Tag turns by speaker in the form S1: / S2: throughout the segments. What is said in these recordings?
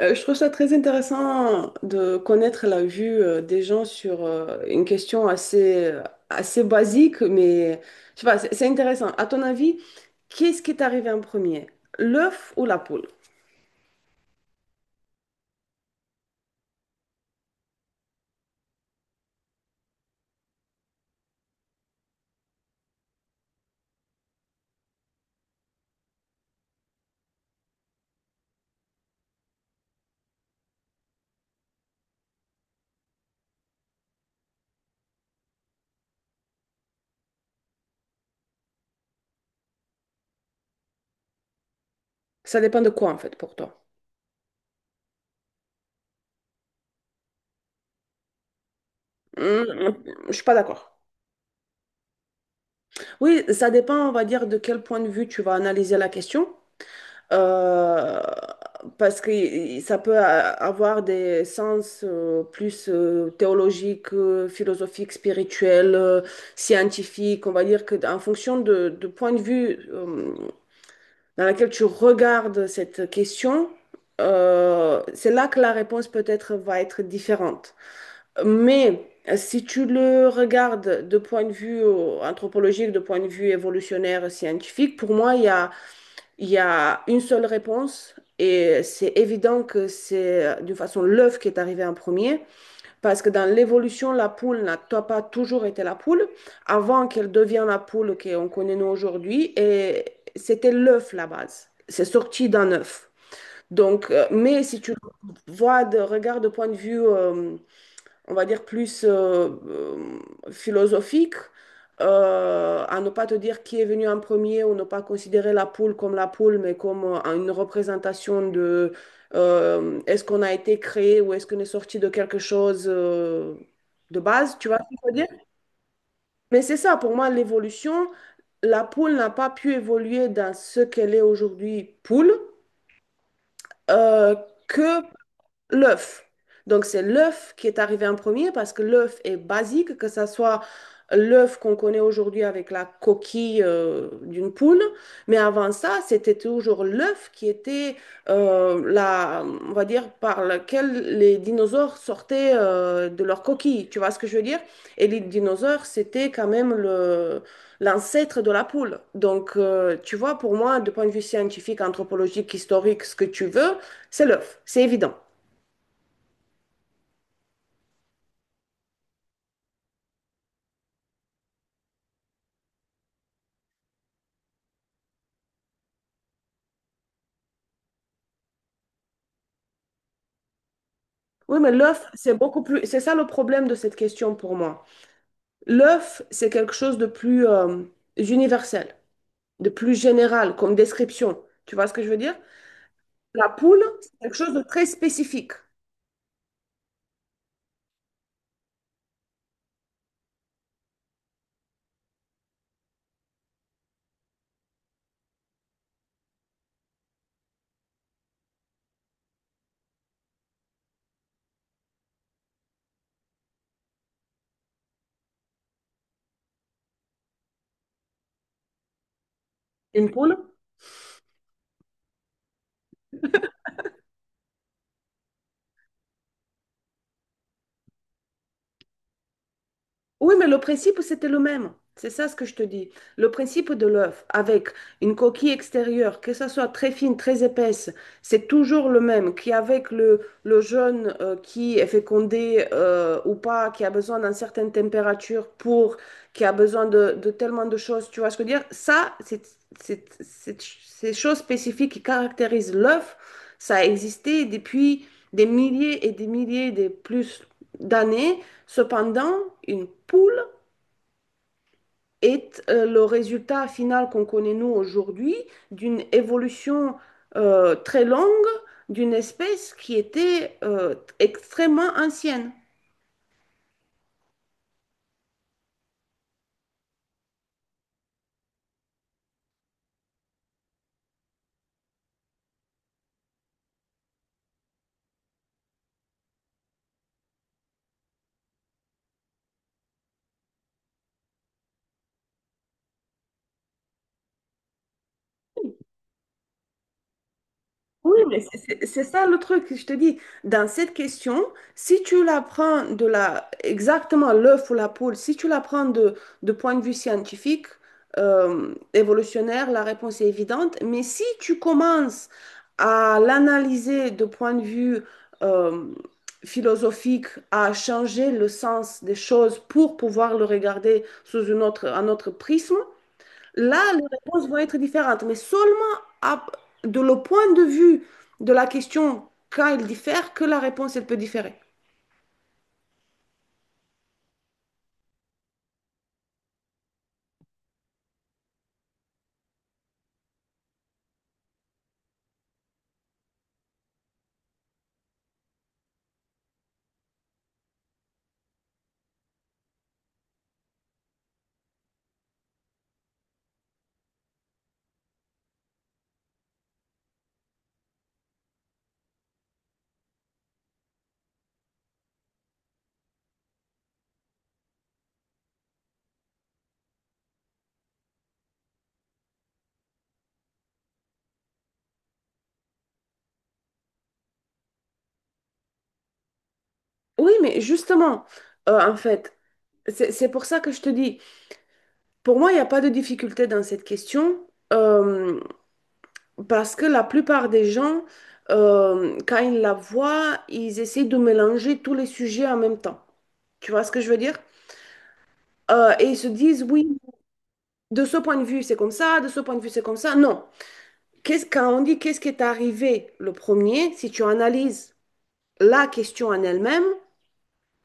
S1: Je trouve ça très intéressant de connaître la vue des gens sur une question assez basique, mais je sais pas, c'est intéressant. À ton avis, qu'est-ce qui est arrivé en premier? L'œuf ou la poule? Ça dépend de quoi en fait pour toi. Hum, hum, je suis pas d'accord. Oui, ça dépend, on va dire, de quel point de vue tu vas analyser la question. Euh, Parce que ça peut avoir des sens plus théologiques, philosophiques, spirituels, scientifiques. On va dire que en fonction de point de vue dans lequel tu regardes cette question, c'est là que la réponse peut-être va être différente. Mais si tu le regardes de point de vue anthropologique, de point de vue évolutionnaire, scientifique, pour moi, il y a une seule réponse et c'est évident que c'est d'une façon l'œuf qui est arrivé en premier parce que dans l'évolution, la poule n'a pas toujours été la poule avant qu'elle devienne la poule qu'on connaît nous aujourd'hui et c'était l'œuf la base. C'est sorti d'un œuf. Donc, mais si tu vois de regarde de point de vue on va dire, plus philosophique, à ne pas te dire qui est venu en premier ou ne pas considérer la poule comme la poule, mais comme une représentation de est-ce qu'on a été créé ou est-ce qu'on est sorti de quelque chose de base, tu vois ce que je veux dire? Mais c'est ça, pour moi, l'évolution, la poule n'a pas pu évoluer dans ce qu'elle est aujourd'hui poule, euh, que L'œuf. Donc c'est l'œuf qui est arrivé en premier parce que l'œuf est basique, que ce soit l'œuf qu'on connaît aujourd'hui avec la coquille d'une poule, mais avant ça, c'était toujours l'œuf qui était la, on va dire, par lequel les dinosaures sortaient de leur coquille. Tu vois ce que je veux dire? Et les dinosaures, c'était quand même le l'ancêtre de la poule. Donc tu vois, pour moi, de point de vue scientifique, anthropologique, historique, ce que tu veux, c'est l'œuf. C'est évident. Oui, mais l'œuf, c'est beaucoup plus. C'est ça le problème de cette question pour moi. L'œuf, c'est quelque chose de plus universel, de plus général comme description. Tu vois ce que je veux dire? La poule, c'est quelque chose de très spécifique. Une poule? Oui, mais le principe, c'était le même. C'est ça ce que je te dis. Le principe de l'œuf avec une coquille extérieure, que ça soit très fine, très épaisse, c'est toujours le même. Qu'avec le jeune qui est fécondé ou pas, qui a besoin d'une certaine température pour, qui a besoin de tellement de choses, tu vois ce que je veux dire? Ça, c'est- Ces choses spécifiques qui caractérisent l'œuf, ça a existé depuis des milliers et des milliers de plus d'années. Cependant, une poule est le résultat final qu'on connaît nous aujourd'hui d'une évolution très longue d'une espèce qui était extrêmement ancienne. Oui, mais c'est ça le truc que je te dis. Dans cette question, si tu la prends de la, exactement l'œuf ou la poule, si tu la prends de point de vue scientifique, évolutionnaire, la réponse est évidente. Mais si tu commences à l'analyser de point de vue euh, philosophique, à changer le sens des choses pour pouvoir le regarder sous une autre, un autre prisme, là, les réponses vont être différentes, mais seulement à- de le point de vue de la question quand elle diffère que la réponse, elle peut différer. Oui, mais justement, en fait, c'est pour ça que je te dis, pour moi, il n'y a pas de difficulté dans cette question, euh, parce que la plupart des gens, quand ils la voient, ils essayent de mélanger tous les sujets en même temps. Tu vois ce que je veux dire? Et ils se disent, oui, de ce point de vue, c'est comme ça, de ce point de vue, c'est comme ça. Non. Qu'est-ce, quand on dit qu'est-ce qui est arrivé le premier, si tu analyses la question en elle-même,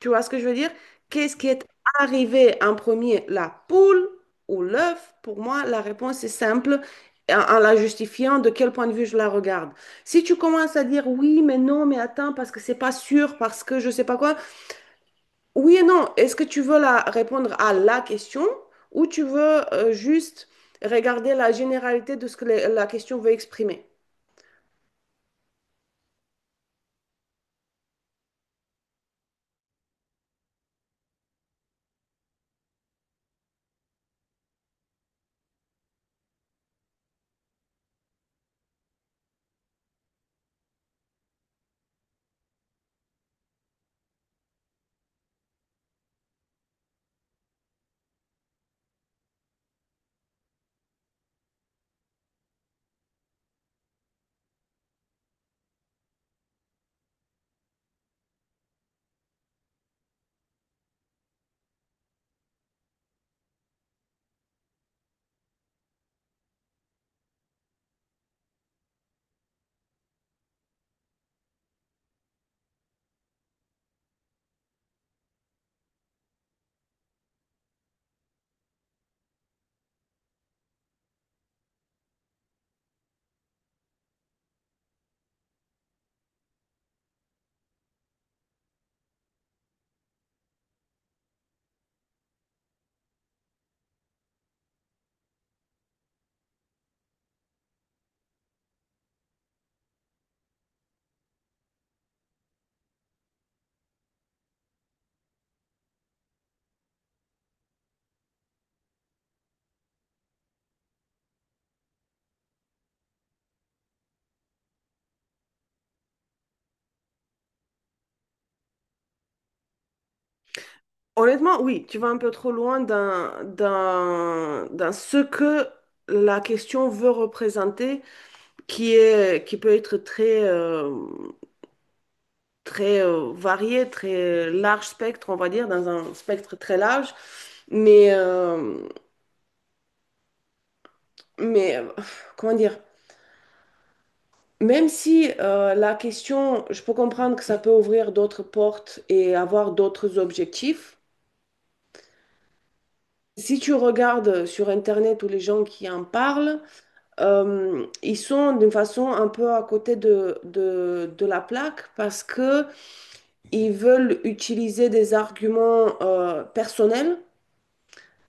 S1: tu vois ce que je veux dire? Qu'est-ce qui est arrivé en premier, la poule ou l'œuf? Pour moi, la réponse est simple en, en la justifiant de quel point de vue je la regarde. Si tu commences à dire oui, mais non, mais attends, parce que c'est pas sûr, parce que je sais pas quoi, oui et non, est-ce que tu veux la, répondre à la question ou tu veux juste regarder la généralité de ce que la question veut exprimer? Honnêtement, oui, tu vas un peu trop loin dans, dans, dans ce que la question veut représenter, qui est, qui peut être très varié, très large spectre, on va dire, dans un spectre très large. Mais, euh, mais euh, Comment dire, même si la question, je peux comprendre que ça peut ouvrir d'autres portes et avoir d'autres objectifs, si tu regardes sur Internet tous les gens qui en parlent, ils sont d'une façon un peu à côté de la plaque parce que ils veulent utiliser des arguments personnels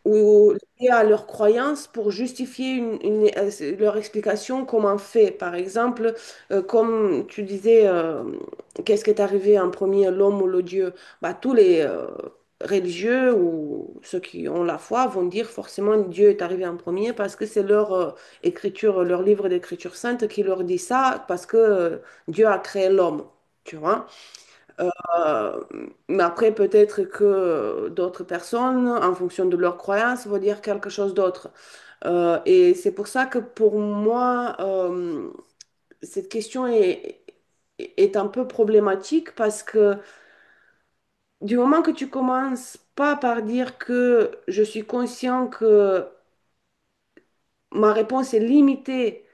S1: ou liées à leurs croyances pour justifier leur explication comme un fait. Par exemple, comme tu disais, qu'est-ce qui est arrivé en premier, l'homme ou le Dieu? Bah, tous les religieux ou ceux qui ont la foi vont dire forcément Dieu est arrivé en premier parce que c'est leur écriture, leur livre d'écriture sainte qui leur dit ça parce que Dieu a créé l'homme. Tu vois? Euh, mais après, peut-être que d'autres personnes, en fonction de leurs croyances, vont dire quelque chose d'autre. Et c'est pour ça que pour moi, cette question est un peu problématique parce que du moment que tu commences pas par dire que je suis conscient que ma réponse est limitée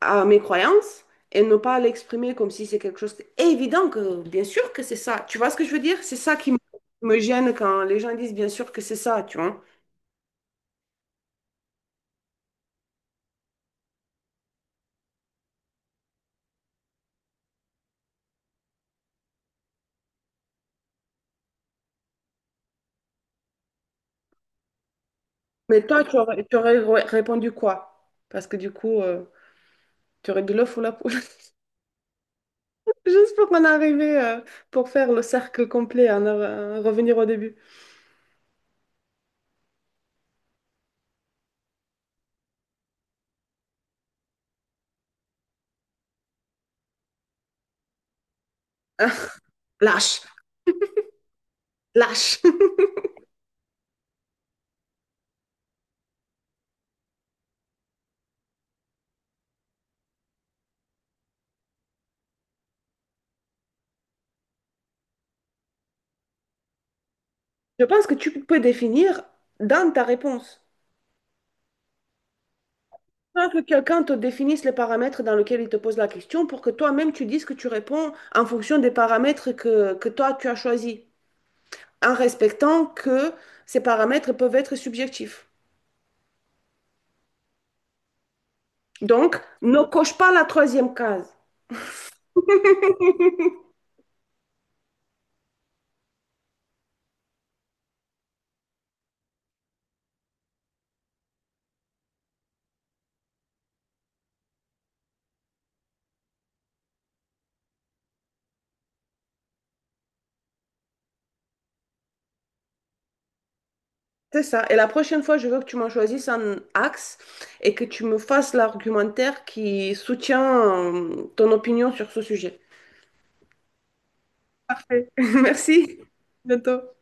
S1: à mes croyances et ne pas l'exprimer comme si c'est quelque chose évident que bien sûr que c'est ça. Tu vois ce que je veux dire? C'est ça qui me gêne quand les gens disent bien sûr que c'est ça, tu vois. Mais toi, tu aurais répondu quoi? Parce que du coup, tu aurais dit l'œuf ou la poule. Juste pour qu'on arrive pour faire le cercle complet, en en revenir au début. Lâche, lâche. Je pense que tu peux définir dans ta réponse. Faut que quelqu'un te définisse les paramètres dans lesquels il te pose la question pour que toi-même tu dises que tu réponds en fonction des paramètres que toi tu as choisis, en respectant que ces paramètres peuvent être subjectifs. Donc, ne coche pas la troisième case. C'est ça. Et la prochaine fois, je veux que tu m'en choisisses un axe et que tu me fasses l'argumentaire qui soutient ton opinion sur ce sujet. Parfait. Merci. À bientôt.